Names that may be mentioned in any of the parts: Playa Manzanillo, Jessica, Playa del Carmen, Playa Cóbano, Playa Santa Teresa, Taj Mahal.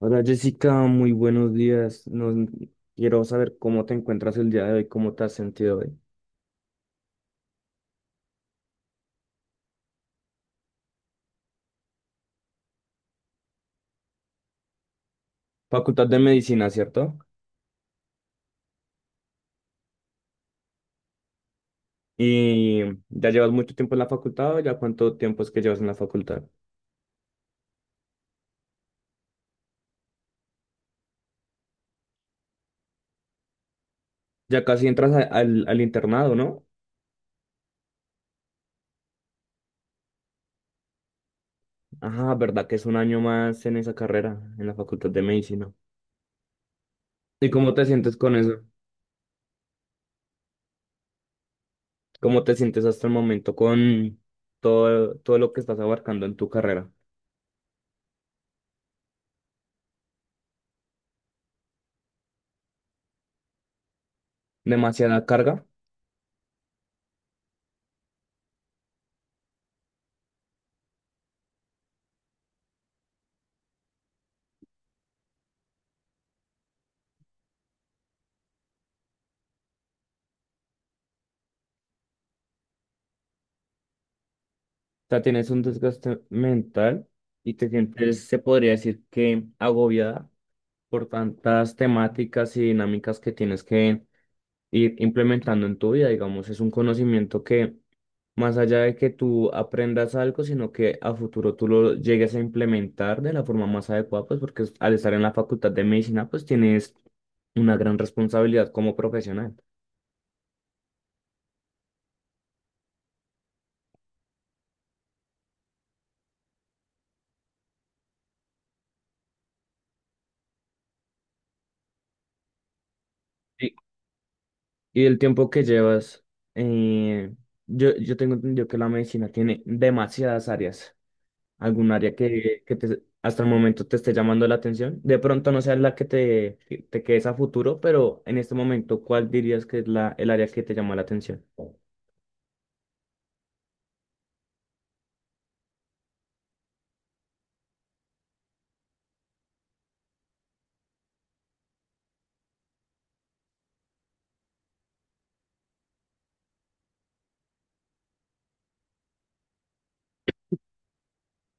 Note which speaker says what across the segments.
Speaker 1: Hola Jessica, muy buenos días. Nos, quiero saber cómo te encuentras el día de hoy, cómo te has sentido hoy. Facultad de Medicina, ¿cierto? ¿Y ya llevas mucho tiempo en la facultad o ya cuánto tiempo es que llevas en la facultad? Ya casi entras al internado, ¿no? Ajá, ¿verdad que es un año más en esa carrera, en la Facultad de Medicina? ¿Y cómo te sientes con eso? ¿Cómo te sientes hasta el momento con todo lo que estás abarcando en tu carrera? ¿Demasiada carga? Sea, tienes un desgaste mental y te sientes, se podría decir que agobiada por tantas temáticas y dinámicas que tienes que ir implementando en tu vida. Digamos, es un conocimiento que más allá de que tú aprendas algo, sino que a futuro tú lo llegues a implementar de la forma más adecuada, pues porque al estar en la facultad de medicina, pues tienes una gran responsabilidad como profesional. Y el tiempo que llevas, eh, yo tengo entendido que la medicina tiene demasiadas áreas. ¿Algún área que te- hasta el momento te esté llamando la atención? De pronto no sea la que te quedes a futuro, pero en este momento, ¿cuál dirías que es la, el área que te llama la atención?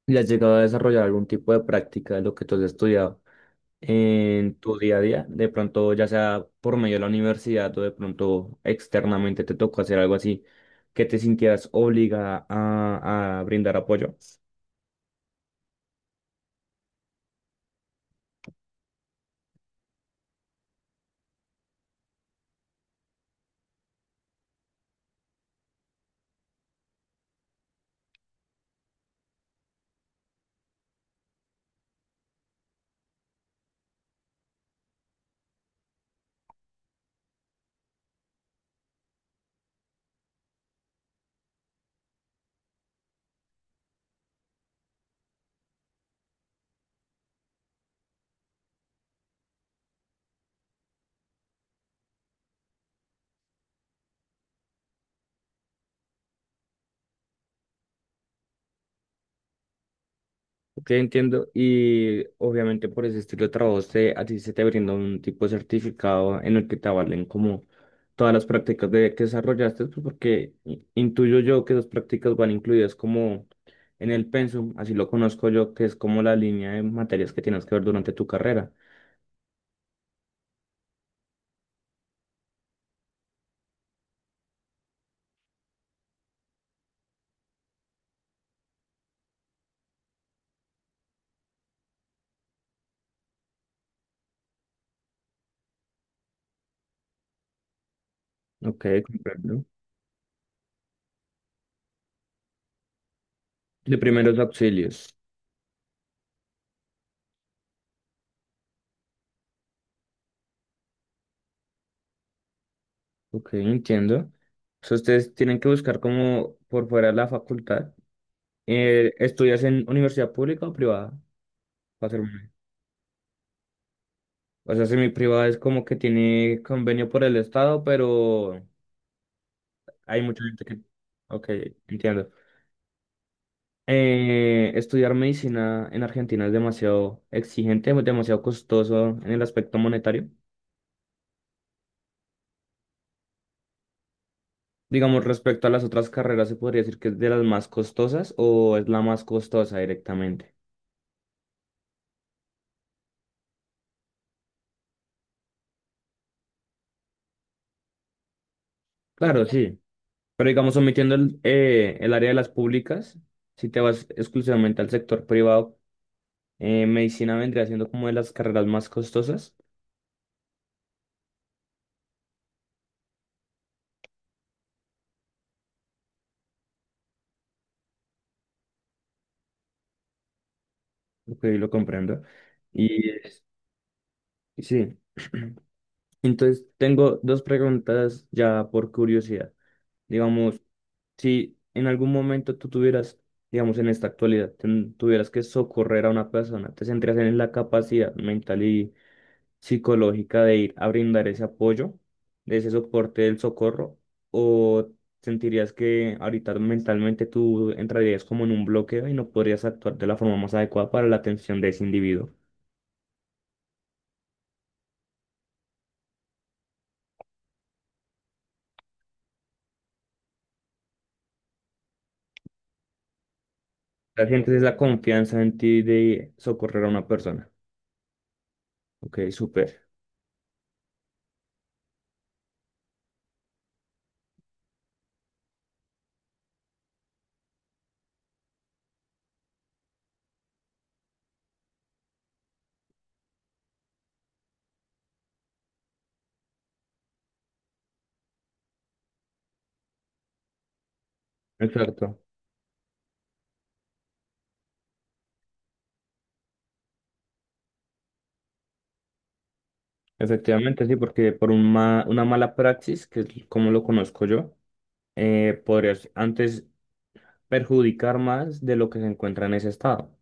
Speaker 1: ¿Y has llegado a desarrollar algún tipo de práctica de lo que tú has estudiado en tu día a día, de pronto ya sea por medio de la universidad o de pronto externamente te tocó hacer algo así, que te sintieras obligada a brindar apoyo? Te entiendo y obviamente por ese estilo de trabajo se- a ti se te brinda un tipo de certificado en el que te avalen como todas las prácticas de, que desarrollaste, pues porque i- intuyo yo que esas prácticas van incluidas como en el pensum, así lo conozco yo, que es como la línea de materias que tienes que ver durante tu carrera. Ok, comprendo. De primeros auxilios. Ok, entiendo. O sea, ustedes tienen que buscar como por fuera de la facultad. ¿Estudias en universidad pública o privada? Para ser honesto. O sea, semi-privada es como que tiene convenio por el Estado, pero hay mucha gente que... Ok, entiendo. Estudiar medicina en Argentina es demasiado exigente, es demasiado costoso en el aspecto monetario. Digamos, respecto a las otras carreras, ¿se podría decir que es de las más costosas o es la más costosa directamente? Claro, sí, pero digamos, omitiendo el área de las públicas, si te vas exclusivamente al sector privado, medicina vendría siendo como de las carreras más costosas, ok, lo comprendo. Y es- sí, entonces tengo dos preguntas ya por curiosidad. Digamos, si en algún momento tú tuvieras, digamos, en esta actualidad, ten- tuvieras que socorrer a una persona, ¿te centrarías en la capacidad mental y psicológica de ir a brindar ese apoyo, de ese soporte del socorro, o sentirías que ahorita mentalmente tú entrarías como en un bloqueo y no podrías actuar de la forma más adecuada para la atención de ese individuo? La gente es la confianza en ti de socorrer a una persona. Ok, súper. Exacto. Efectivamente, sí, porque por un ma- una mala praxis, que es como lo conozco yo, podrías antes perjudicar más de lo que se encuentra en ese estado.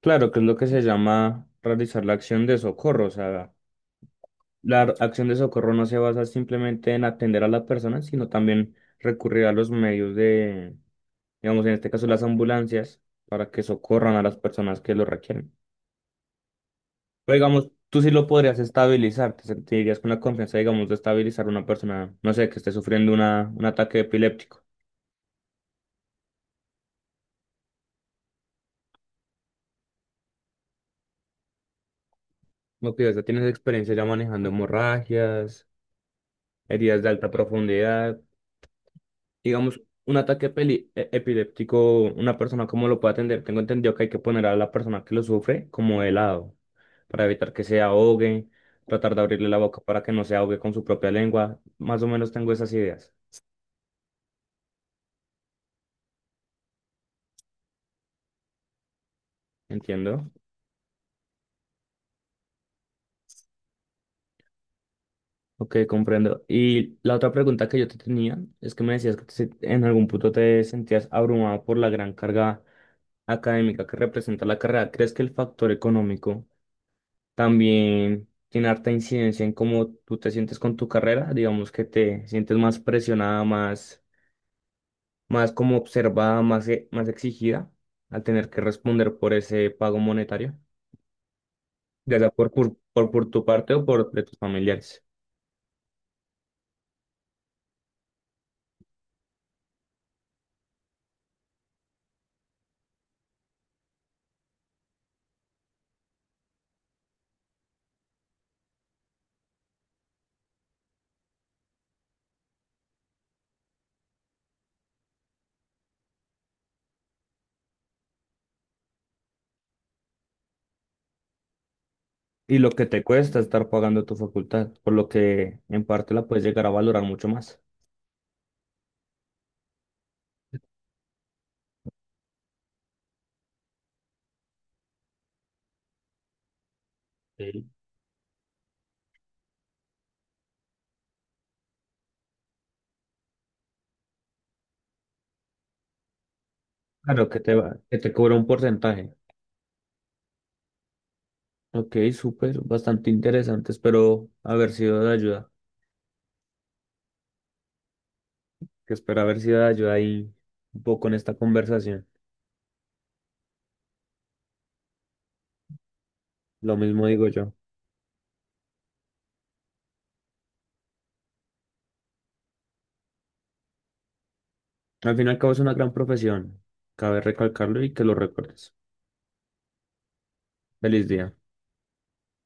Speaker 1: Claro, que es lo que se llama realizar la acción de socorro. O sea, la ar- acción de socorro no se basa simplemente en atender a las personas, sino también recurrir a los medios de, digamos, en este caso las ambulancias, para que socorran a las personas que lo requieren. Pero digamos, tú sí lo podrías estabilizar, te sentirías con la confianza, digamos, de estabilizar a una persona, no sé, que esté sufriendo una, un ataque epiléptico. Lo que ya tienes experiencia ya manejando hemorragias, heridas de alta profundidad. Digamos, un ataque peli- e- epiléptico, una persona cómo lo puede atender. Tengo entendido que hay que poner a la persona que lo sufre como de lado para evitar que se ahogue, tratar de abrirle la boca para que no se ahogue con su propia lengua. Más o menos tengo esas ideas. Entiendo. Ok, comprendo. Y la otra pregunta que yo te tenía es que me decías que te se- en algún punto te sentías abrumado por la gran carga académica que representa la carrera. ¿Crees que el factor económico también tiene harta incidencia en cómo tú te sientes con tu carrera, digamos que te sientes más presionada, más, más como observada, más, e- más exigida al tener que responder por ese pago monetario, ya sea por tu parte o por de tus familiares? Y lo que te cuesta estar pagando tu facultad, por lo que en parte la puedes llegar a valorar mucho más. Sí. Claro que te va, que te cobra un porcentaje. Ok, súper, bastante interesante. Espero haber sido de ayuda. Que espero haber sido de ayuda ahí un poco en esta conversación. Lo mismo digo yo. Al fin y al cabo es una gran profesión, cabe recalcarlo y que lo recuerdes. Feliz día.